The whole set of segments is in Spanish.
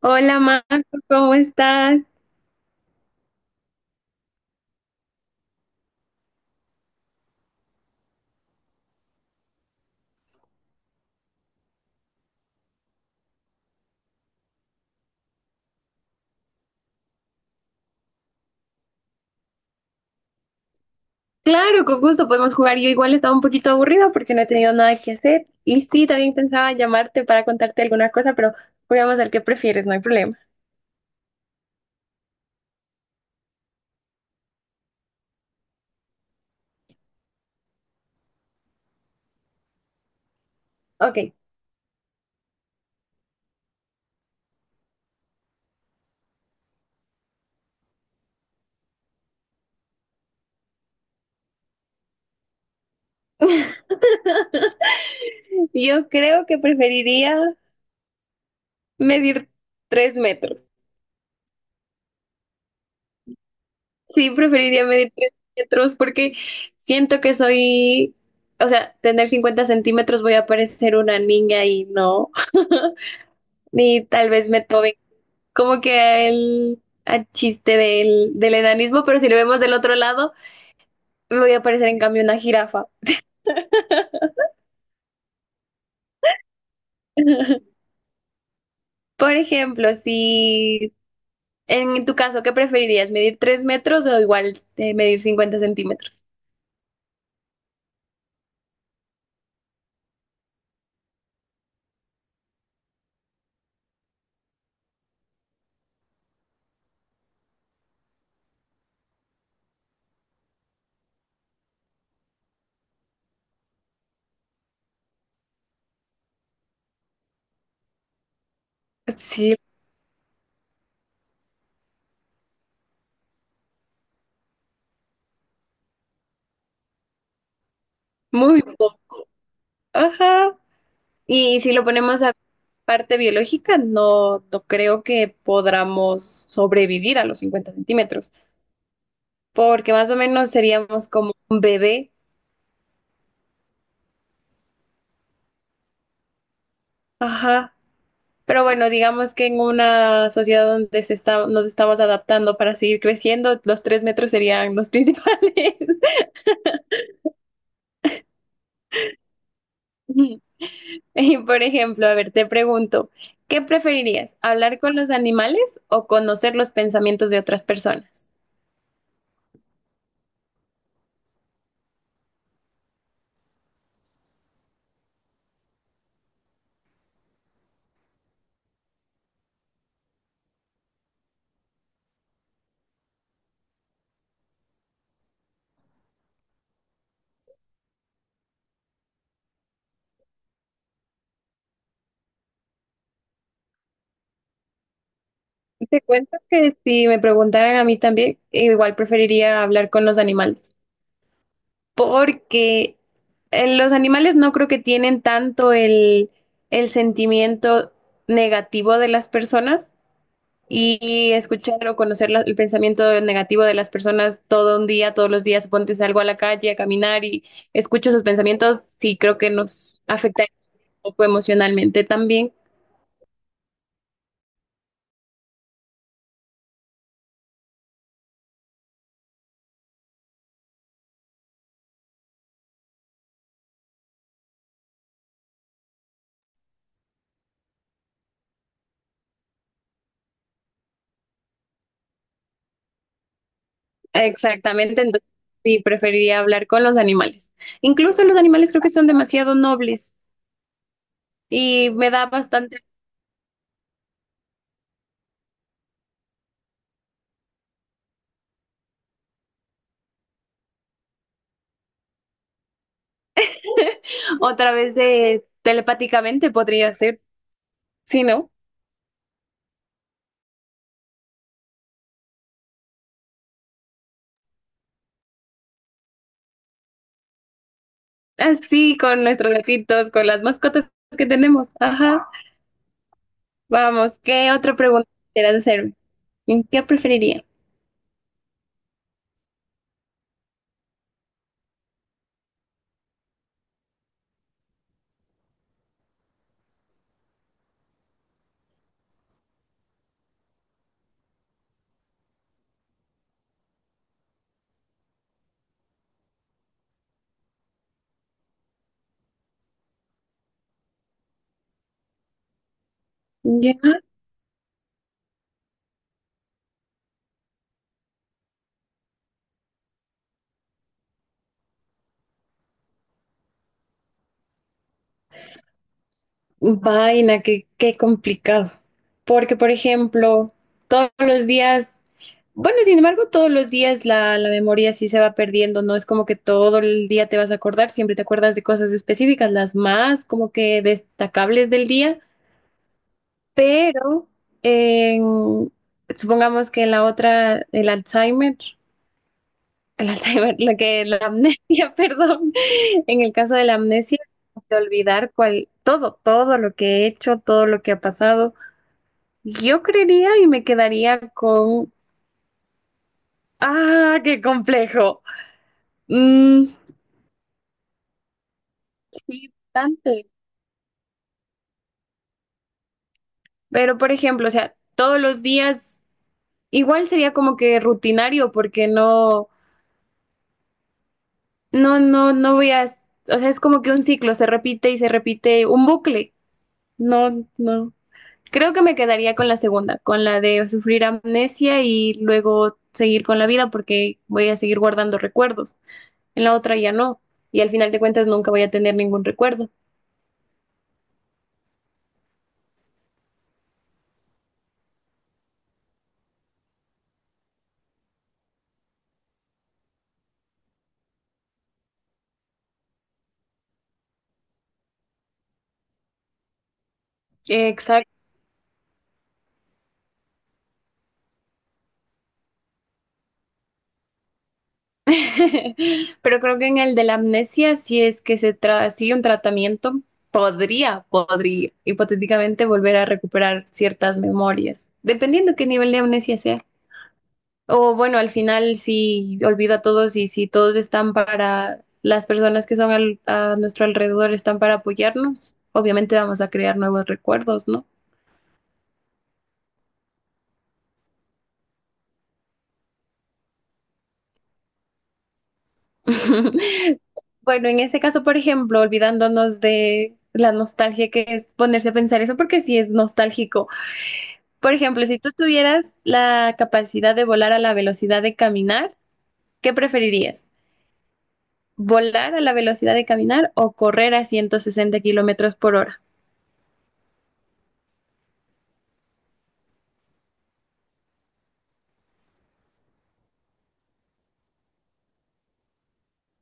Hola Marco, ¿cómo estás? Claro, con gusto podemos jugar. Yo igual estaba un poquito aburrida porque no he tenido nada que hacer. Y sí, también pensaba llamarte para contarte alguna cosa, pero juguemos al que prefieres, no hay problema. Ok. Yo creo que preferiría medir 3 metros. Sí, preferiría medir 3 metros porque siento que soy, o sea, tener 50 centímetros voy a parecer una niña y no. Y tal vez me tomen como que al chiste del enanismo, pero si lo vemos del otro lado, me voy a parecer en cambio una jirafa. Por ejemplo, si en tu caso, ¿qué preferirías? ¿Medir 3 metros o igual medir 50 centímetros? Sí, muy poco. Ajá. Y si lo ponemos a parte biológica, no, no creo que podamos sobrevivir a los 50 centímetros, porque más o menos seríamos como un bebé. Ajá. Pero bueno, digamos que en una sociedad donde se está, nos estamos adaptando para seguir creciendo, los 3 metros serían los principales. Y por ejemplo, a ver, te pregunto, ¿qué preferirías? ¿Hablar con los animales o conocer los pensamientos de otras personas? Te cuento que si me preguntaran a mí también, igual preferiría hablar con los animales, porque los animales no creo que tienen tanto el sentimiento negativo de las personas y escuchar o conocer el pensamiento negativo de las personas todo un día, todos los días, ponte salgo a la calle a caminar y escucho esos pensamientos, sí creo que nos afecta un poco emocionalmente también. Exactamente, entonces sí preferiría hablar con los animales. Incluso los animales creo que son demasiado nobles y me da bastante otra vez de telepáticamente podría ser, ¿sí no? Así con nuestros gatitos, con las mascotas que tenemos. Ajá. Vamos, ¿qué otra pregunta quieras hacerme? ¿En ¿Qué preferiría? Ya, vaina, qué complicado. Porque, por ejemplo, todos los días, bueno, sin embargo, todos los días la memoria sí se va perdiendo, no es como que todo el día te vas a acordar, siempre te acuerdas de cosas específicas, las más como que destacables del día, pero en- supongamos que la otra, el Alzheimer. El Alzheimer, la que la amnesia, perdón. En el caso de la amnesia, de olvidar cual, todo, todo lo que he hecho, todo lo que ha pasado. Yo creería y me quedaría con, ah, qué complejo. Mm, sí, bastante. Pero por ejemplo, o sea, todos los días igual sería como que rutinario porque no, no, no, no voy a, o sea, es como que un ciclo se repite y se repite un bucle. No, no. Creo que me quedaría con la segunda, con la de sufrir amnesia y luego seguir con la vida porque voy a seguir guardando recuerdos. En la otra ya no. Y al final de cuentas nunca voy a tener ningún recuerdo. Exacto. Pero creo que en el de la amnesia, si es que sigue un tratamiento, podría hipotéticamente volver a recuperar ciertas memorias, dependiendo qué nivel de amnesia sea. O bueno, al final si olvido a todos y si todos están para, las personas que son a nuestro alrededor están para apoyarnos, obviamente vamos a crear nuevos recuerdos, ¿no? Bueno, en ese caso, por ejemplo, olvidándonos de la nostalgia que es ponerse a pensar eso, porque sí es nostálgico. Por ejemplo, si tú tuvieras la capacidad de volar a la velocidad de caminar, ¿qué preferirías? ¿Volar a la velocidad de caminar o correr a 160 kilómetros por hora?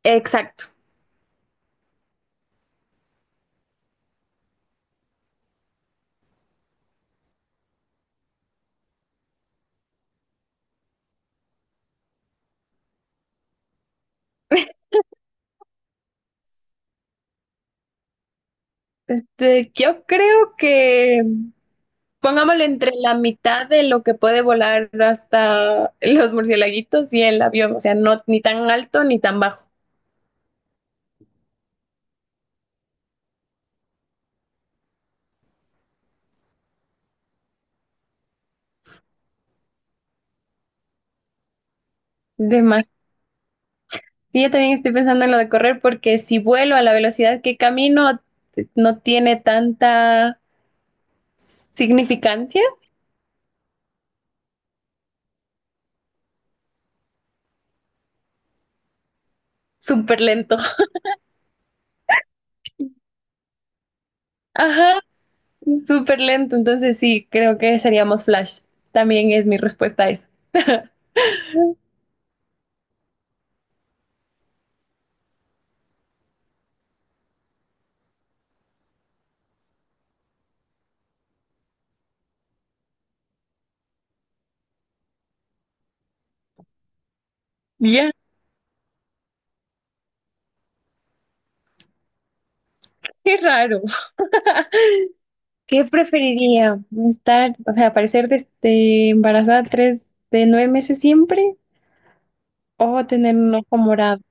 Exacto. Yo creo que pongámoslo entre la mitad de lo que puede volar hasta los murciélaguitos y el avión, o sea, no ni tan alto ni tan bajo. De más. Sí, yo también estoy pensando en lo de correr porque si vuelo a la velocidad que camino no tiene tanta significancia, súper lento. Ajá, súper lento, entonces sí, creo que seríamos Flash. También es mi respuesta a eso. Ya, qué raro. ¿Qué preferiría? ¿Estar, o sea, parecer embarazada tres de 9 meses siempre o tener un ojo morado?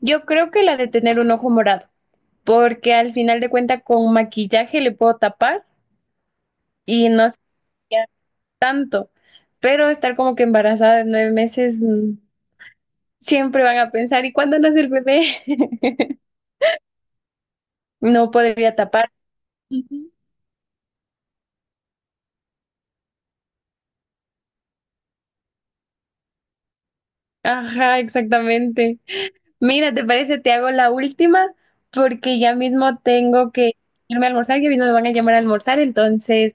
Yo creo que la de tener un ojo morado, porque al final de cuentas con maquillaje le puedo tapar y no se vería tanto, pero estar como que embarazada de 9 meses siempre van a pensar, ¿y cuándo nace el bebé? No podría tapar. Ujú. Ajá, exactamente. Mira, ¿te parece? Te hago la última porque ya mismo tengo que irme a almorzar, ya mismo me van a llamar a almorzar, entonces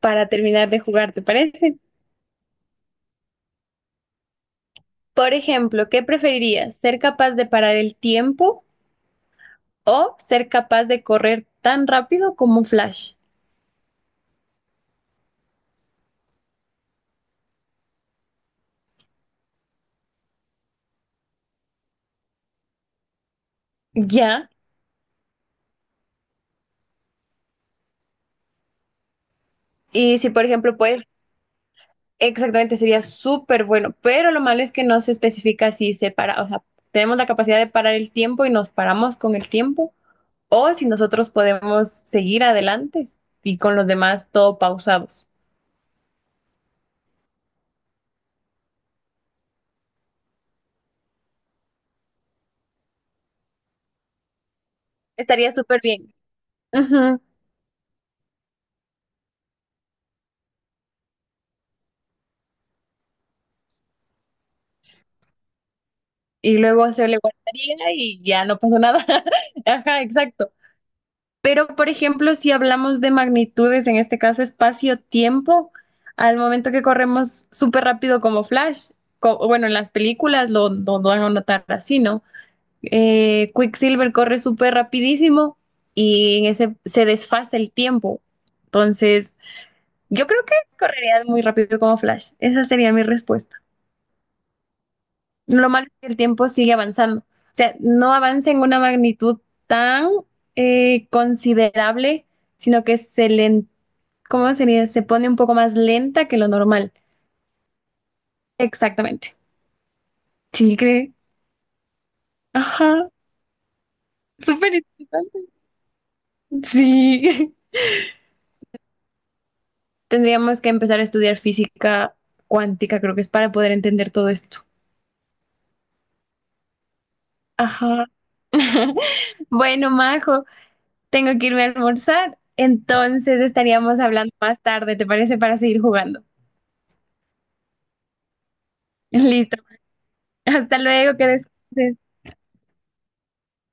para terminar de jugar, ¿te parece? Por ejemplo, ¿qué preferirías? ¿Ser capaz de parar el tiempo o ser capaz de correr tan rápido como un Flash? Ya. Y si, por ejemplo, puedes, exactamente sería súper bueno, pero lo malo es que no se especifica si se para, o sea, tenemos la capacidad de parar el tiempo y nos paramos con el tiempo o si nosotros podemos seguir adelante y con los demás todo pausados. Estaría súper bien. Ujú. Y luego se le guardaría y ya no pasó nada. Ajá, exacto. Pero, por ejemplo, si hablamos de magnitudes, en este caso espacio-tiempo, al momento que corremos súper rápido como Flash, bueno, en las películas lo van a notar así, ¿no? Quicksilver corre súper rapidísimo y en ese se desfasa el tiempo. Entonces, yo creo que correría muy rápido como Flash. Esa sería mi respuesta. Lo malo es que el tiempo sigue avanzando. O sea, no avanza en una magnitud tan considerable, sino que se le, ¿cómo sería? Se pone un poco más lenta que lo normal. Exactamente. Sí, cree. Ajá. Súper interesante. Sí. Tendríamos que empezar a estudiar física cuántica, creo que es para poder entender todo esto. Ajá. Bueno, Majo, tengo que irme a almorzar, entonces estaríamos hablando más tarde, ¿te parece? Para seguir jugando. Listo. Hasta luego, que descanses.